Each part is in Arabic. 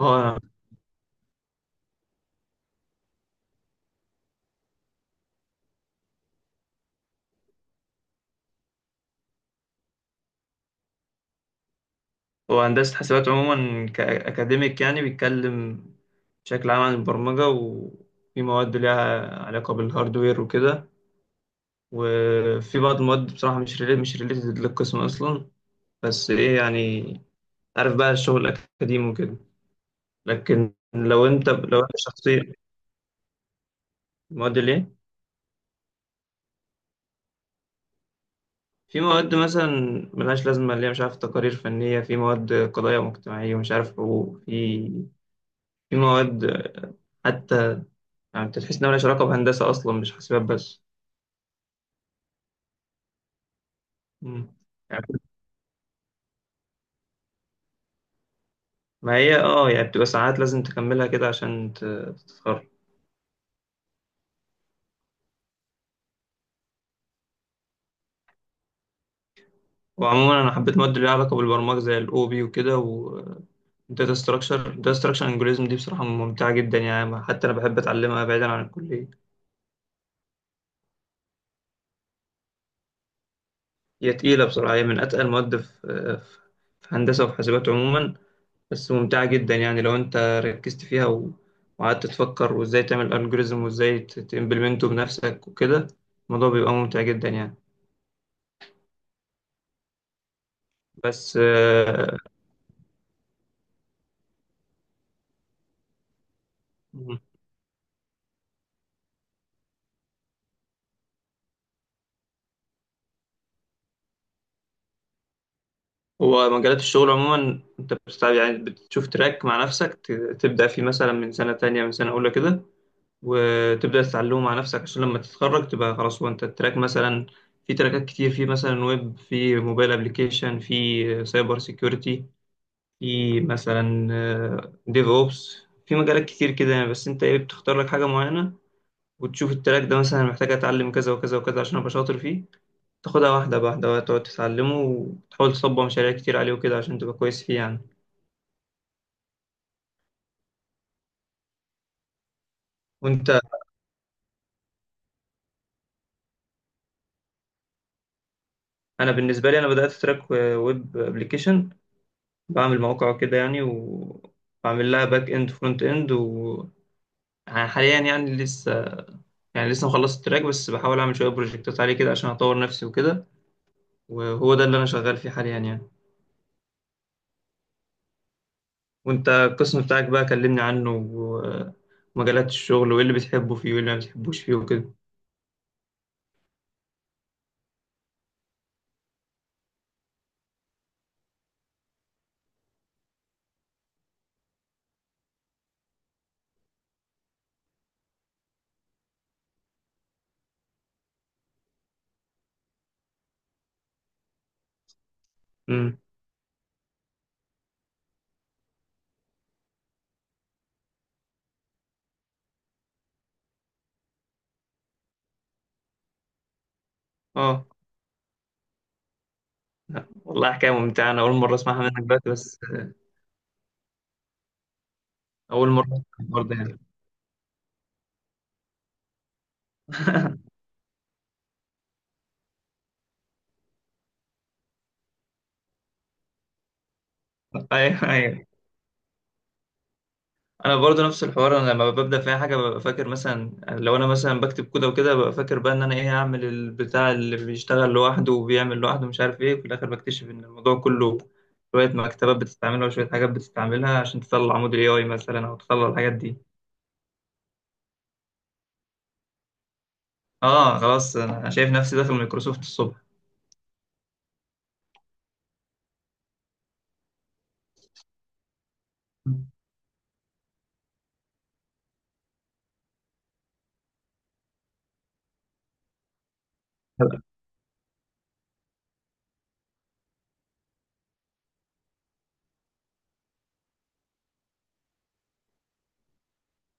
هو هو هندسة حسابات عموما كأكاديميك يعني بيتكلم بشكل عام عن البرمجة، وفي مواد ليها علاقة بالهاردوير وكده. وفي بعض المواد بصراحة مش ريليتد للقسم أصلا، بس إيه يعني، عارف بقى الشغل الأكاديمي وكده. لكن لو أنت شخصيا، مواد ليه؟ في مواد مثلا ملهاش لازمة، اللي هي مش عارف تقارير فنية، في مواد قضايا مجتمعية، ومش عارف حقوق، في مواد، حتى يعني انت تحس انها ملهاش علاقه بهندسه اصلا، مش حاسبات بس. مم. يعني، ما هي يعني بتبقى ساعات لازم تكملها كده عشان تتخرج. وعموما انا حبيت مواد اللي ليها علاقه بالبرمجه زي الاو بي وكده، والداتا ستراكشر، الداتا ستراكشر انجوريزم دي بصراحه ممتعه جدا يعني، حتى انا بحب اتعلمها بعيدا عن الكليه. هي تقيله بصراحه، هي من اتقل المواد في هندسه وفي حاسبات عموما. بس ممتعة جدا يعني، لو انت ركزت فيها وقعدت تفكر وازاي تعمل الجوريزم وازاي تمبلمنته بنفسك وكده، الموضوع بيبقى ممتع جدا يعني. بس هو مجالات الشغل عموما انت بتستعب يعني، بتشوف تراك مع نفسك تبدأ فيه مثلا من سنة تانية، من سنة أولى كده، وتبدأ تتعلمه مع نفسك عشان لما تتخرج تبقى خلاص هو انت التراك. مثلا في تراكات كتير، في مثلا ويب، في موبايل ابلكيشن، في سايبر سيكيورتي، في مثلا ديف اوبس. في مجالات كتير كده يعني، بس انت ايه، بتختار لك حاجه معينه وتشوف التراك ده مثلا محتاج اتعلم كذا وكذا وكذا عشان ابقى شاطر فيه. تاخدها واحده واحده وتقعد تتعلمه وتحاول تصبغ مشاريع كتير عليه وكده عشان تبقى كويس فيه يعني. وانت انا بالنسبه لي، انا بدات في تراك ويب ابلكيشن، بعمل مواقع وكده يعني، وبعمل لها باك اند فرونت اند، و يعني حاليا يعني لسه مخلص التراك، بس بحاول اعمل شويه بروجكتات عليه كده عشان اطور نفسي وكده. وهو ده اللي انا شغال فيه حاليا يعني. وانت القسم بتاعك بقى كلمني عنه ومجالات الشغل، وايه اللي بتحبه فيه، وايه اللي ما بتحبوش فيه وكده. امم اه لا، والله حكاية ممتعة، انا اول مرة اسمعها منك دلوقتي. بس اول مرة اسمع الحوار ده يعني. ايوه، ايوه، انا برضه نفس الحوار. انا لما ببدا في اي حاجه ببقى فاكر مثلا، لو انا مثلا بكتب كود وكده، ببقى فاكر بقى ان انا ايه، هعمل البتاع اللي بيشتغل لوحده وبيعمل لوحده مش عارف ايه. وفي الاخر بكتشف ان الموضوع كله شويه مكتبات بتستعملها وشويه حاجات بتستعملها عشان تطلع موديل اي اي مثلا، او تطلع الحاجات دي. اه، خلاص انا شايف نفسي داخل مايكروسوفت الصبح.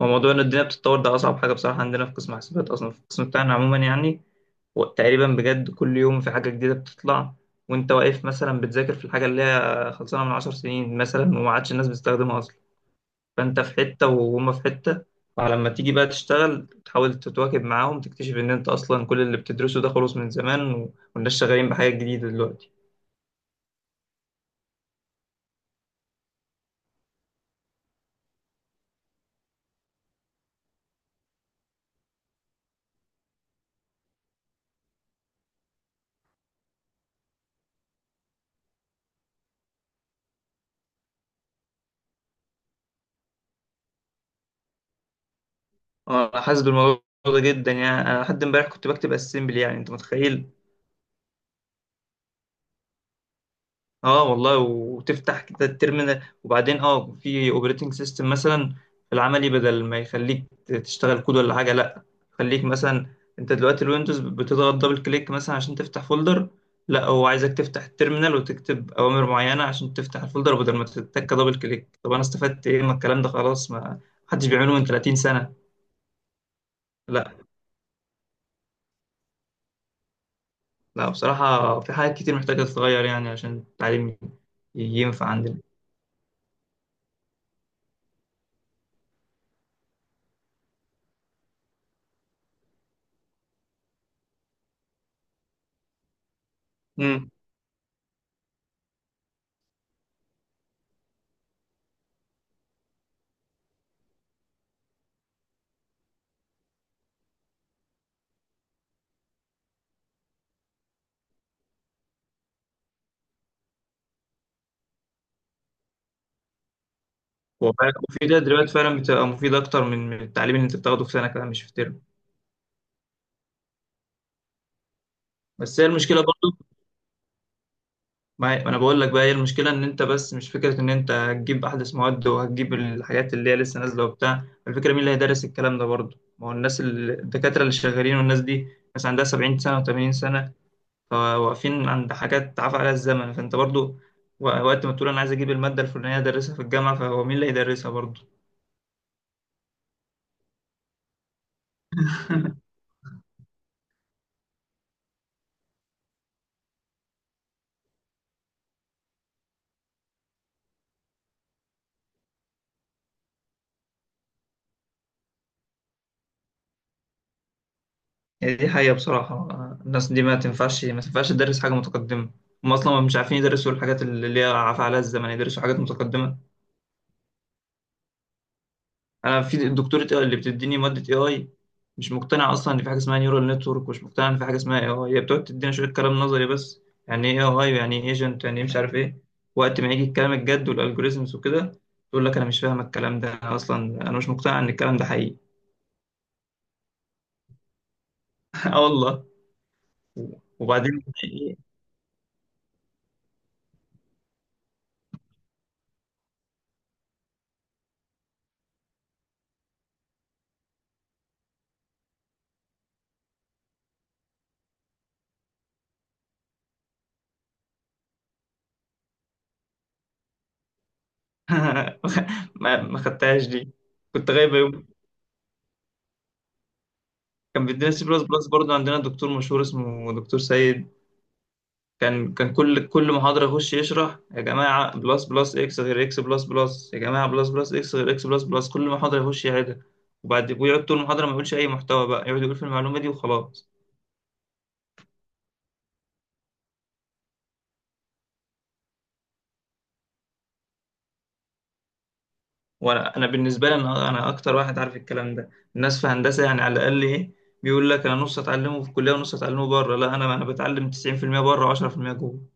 وموضوع ان الدنيا بتتطور ده اصعب حاجه بصراحه عندنا في قسم حاسبات، اصلا في القسم بتاعنا عموما يعني. وتقريبا بجد كل يوم في حاجه جديده بتطلع، وانت واقف مثلا بتذاكر في الحاجه اللي هي خلصانه من 10 سنين مثلا، وما عادش الناس بتستخدمها اصلا. فانت في حته وهما في حته. فلما تيجي بقى تشتغل تحاول تتواكب معاهم، تكتشف ان انت اصلا كل اللي بتدرسه ده خلص من زمان والناس شغالين بحاجه جديده دلوقتي. اه، انا حاسس بالموضوع ده جدا يعني. انا لحد امبارح كنت بكتب اسمبلي، يعني انت متخيل؟ اه والله. وتفتح كده الترمينال، وبعدين في اوبريتنج سيستم مثلا، في العملي بدل ما يخليك تشتغل كود ولا حاجه، لا خليك مثلا. انت دلوقتي الويندوز بتضغط دبل كليك مثلا عشان تفتح فولدر، لا هو عايزك تفتح الترمينال وتكتب اوامر معينه عشان تفتح الفولدر بدل ما تتك دبل كليك. طب انا استفدت ايه من الكلام ده؟ خلاص، ما حدش بيعمله من 30 سنه. لا، لا، بصراحة في حاجات كتير محتاجة تتغير يعني عشان التعليم ينفع عندنا. امم وفعلا، ده دلوقتي فعلا بتبقى مفيدة أكتر من التعليم اللي أنت بتاخده في سنة كده، مش في ترم. بس هي المشكلة برضو، ما أنا بقول لك بقى، هي المشكلة إن أنت، بس مش فكرة إن أنت هتجيب أحدث مواد وهتجيب الحاجات اللي هي لسه نازلة وبتاع. الفكرة مين اللي هيدرس الكلام ده برضو؟ ما هو الناس، الدكاترة اللي شغالين والناس دي، ناس عندها 70 سنة و80 سنة، فواقفين عند حاجات عفى عليها الزمن. فانت برضو وقت ما تقول انا عايز اجيب الماده الفلانيه ادرسها في الجامعه، فهو مين اللي هيدرسها برضو؟ يعني دي حقيقه بصراحه. الناس دي ما تنفعش تدرس حاجه متقدمه. هم اصلا مش عارفين يدرسوا الحاجات اللي هي عفى عليها الزمن، يدرسوا حاجات متقدمه. انا في الدكتوره اللي بتديني ماده اي اي، مش مقتنع اصلا ان في حاجه اسمها نيورال نتورك، ومش مقتنع ان في حاجه اسمها اي اي. هي بتقعد تدينا شويه كلام نظري بس. يعني ايه اي اي؟ يعني ايه ايجنت؟ يعني ايه مش عارف ايه؟ وقت ما يجي الكلام الجد والالجوريزمز وكده، تقول لك انا مش فاهم الكلام ده. أنا اصلا مش مقتنع ان الكلام ده حقيقي. اه والله. وبعدين إيه؟ ما خدتهاش دي، كنت غايبه يوم. كان بيدينا سي بلس بلس برضه، عندنا دكتور مشهور اسمه دكتور سيد. كان كان كل محاضرة يخش يشرح: يا جماعة بلس بلس اكس غير اكس بلس بلس، يا جماعة بلس بلس اكس غير اكس بلس بلس. كل محاضرة يخش يعيدها، وبعد ويقعد طول المحاضرة ما يقولش أي محتوى بقى، يقعد يقول في المعلومة دي وخلاص. وأنا بالنسبة لي، أنا أكتر واحد عارف الكلام ده. الناس في هندسة يعني على الأقل إيه، بيقول لك أنا نص أتعلمه في الكلية ونص أتعلمه بره. لا، أنا بتعلم 90% بره و10% جوه.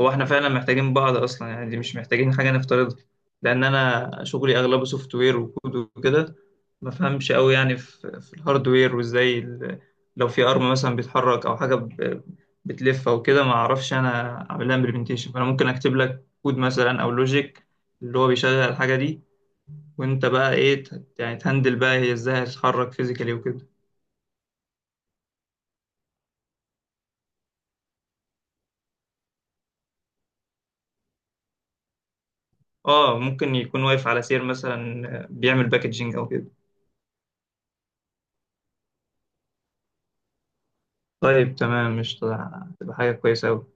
هو احنا فعلا محتاجين بعض اصلا يعني، دي مش محتاجين حاجه نفترضها. لان انا شغلي اغلبه سوفت وير وكود وكده، ما فهمش قوي يعني في الهاردوير، وازاي لو في ارم مثلا بيتحرك او حاجه بتلف او كده، ما اعرفش انا اعمل لها امبلمنتيشن. فانا ممكن اكتب لك كود مثلا او لوجيك اللي هو بيشغل الحاجه دي، وانت بقى ايه، يعني تهندل بقى هي ازاي هتتحرك فيزيكالي وكده. اه، ممكن يكون واقف على سير مثلا بيعمل باكجينج او كده. طيب، تمام، مش تبقى حاجه كويسه قوي؟